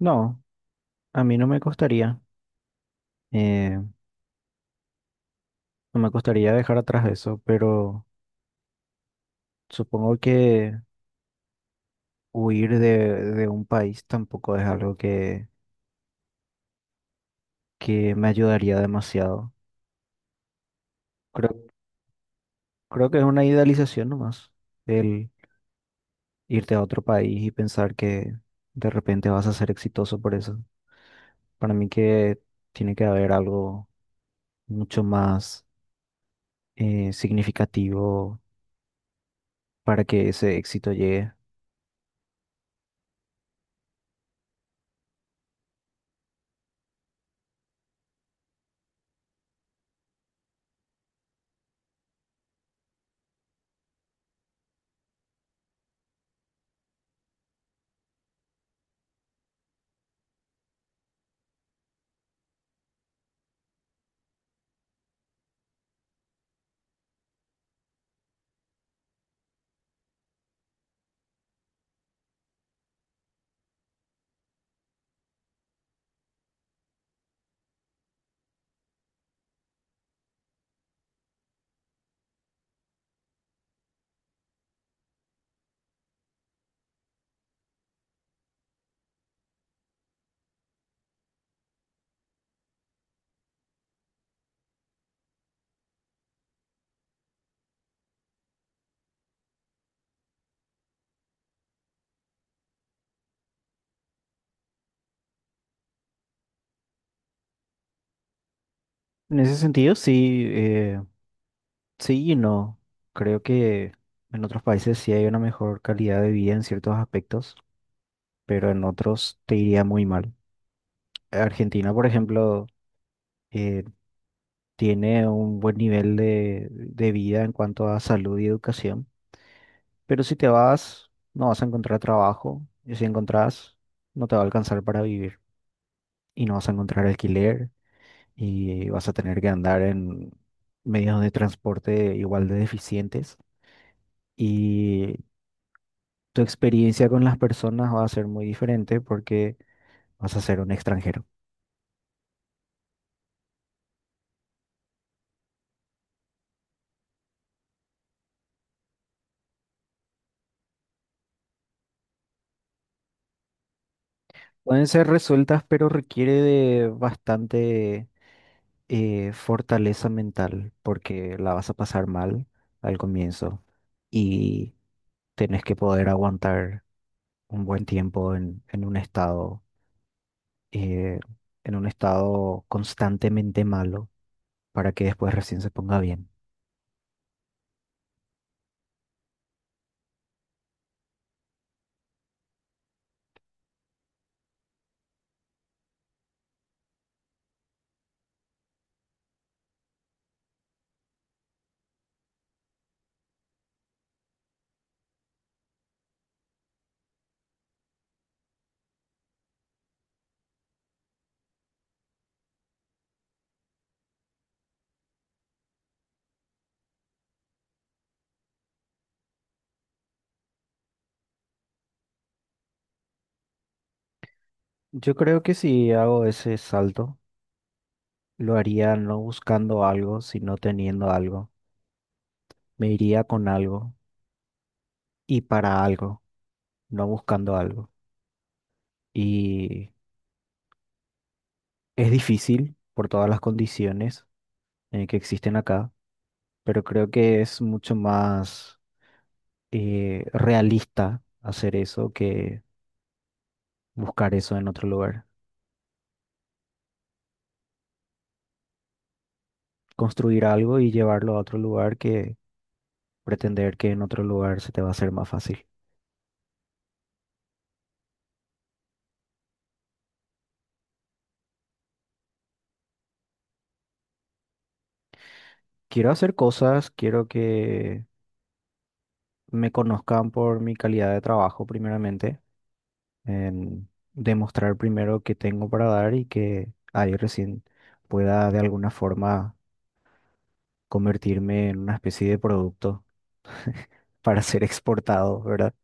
No, a mí no me costaría, eh, no me costaría dejar atrás eso, pero supongo que huir de, de un país tampoco es algo que me ayudaría demasiado. Creo, creo que es una idealización nomás, el irte a otro país y pensar que de repente vas a ser exitoso por eso. Para mí que tiene que haber algo mucho más significativo para que ese éxito llegue. En ese sentido, sí. Sí y no. Creo que en otros países sí hay una mejor calidad de vida en ciertos aspectos, pero en otros te iría muy mal. Argentina, por ejemplo, eh, tiene un buen nivel de vida en cuanto a salud y educación, pero si te vas, no vas a encontrar trabajo, y si encontrás, no te va a alcanzar para vivir, y no vas a encontrar alquiler, y vas a tener que andar en medios de transporte igual de deficientes. Y tu experiencia con las personas va a ser muy diferente porque vas a ser un extranjero. Pueden ser resueltas, pero requiere de bastante fortaleza mental porque la vas a pasar mal al comienzo y tenés que poder aguantar un buen tiempo eh, en un estado constantemente malo para que después recién se ponga bien. Yo creo que si hago ese salto, lo haría no buscando algo, sino teniendo algo. Me iría con algo y para algo, no buscando algo. Y es difícil por todas las condiciones que existen acá, pero creo que es mucho más realista hacer eso que buscar eso en otro lugar. Construir algo y llevarlo a otro lugar que pretender que en otro lugar se te va a hacer más fácil. Quiero hacer cosas, quiero que me conozcan por mi calidad de trabajo primeramente, en demostrar primero qué tengo para dar y que ahí recién pueda de alguna forma convertirme en una especie de producto para ser exportado, ¿verdad?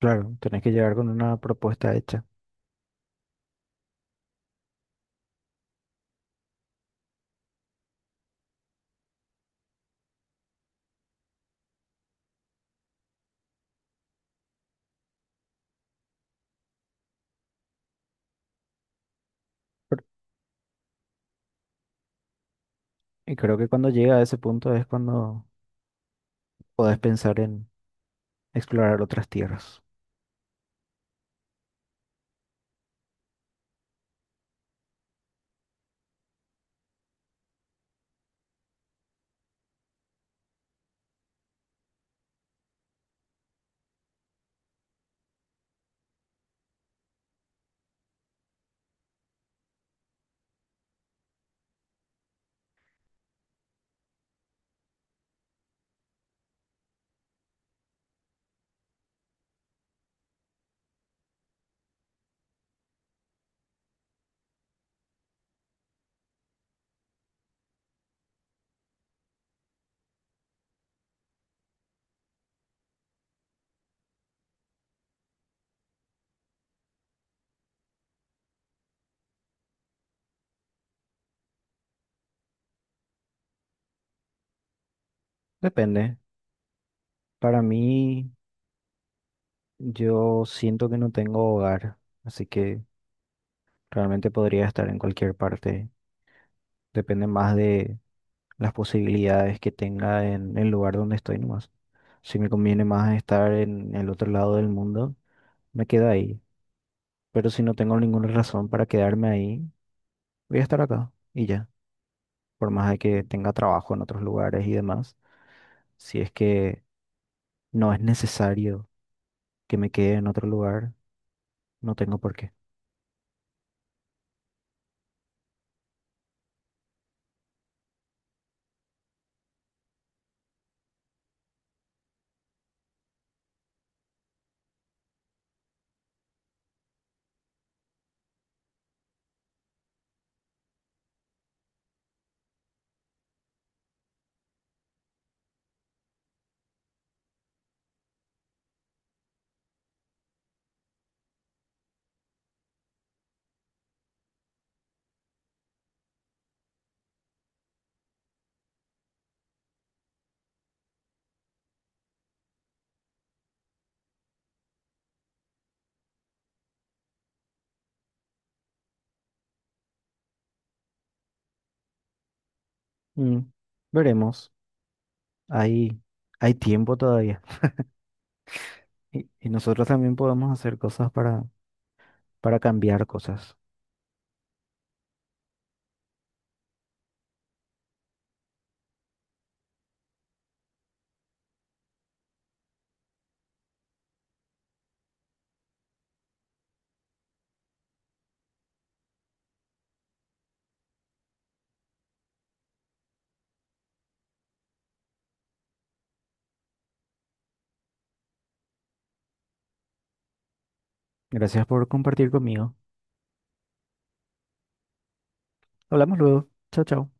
Claro, tenés que llegar con una propuesta hecha. Pero- Y creo que cuando llega a ese punto es cuando podés pensar en explorar otras tierras. Depende. Para mí, yo siento que no tengo hogar, así que realmente podría estar en cualquier parte. Depende más de las posibilidades que tenga en el lugar donde estoy nomás. Si me conviene más estar en el otro lado del mundo, me quedo ahí. Pero si no tengo ninguna razón para quedarme ahí, voy a estar acá y ya. Por más de que tenga trabajo en otros lugares y demás, si es que no es necesario que me quede en otro lugar, no tengo por qué. Mm, veremos. Hay, hay tiempo todavía. Y nosotros también podemos hacer cosas para cambiar cosas. Gracias por compartir conmigo. Hablamos luego. Chao, chao.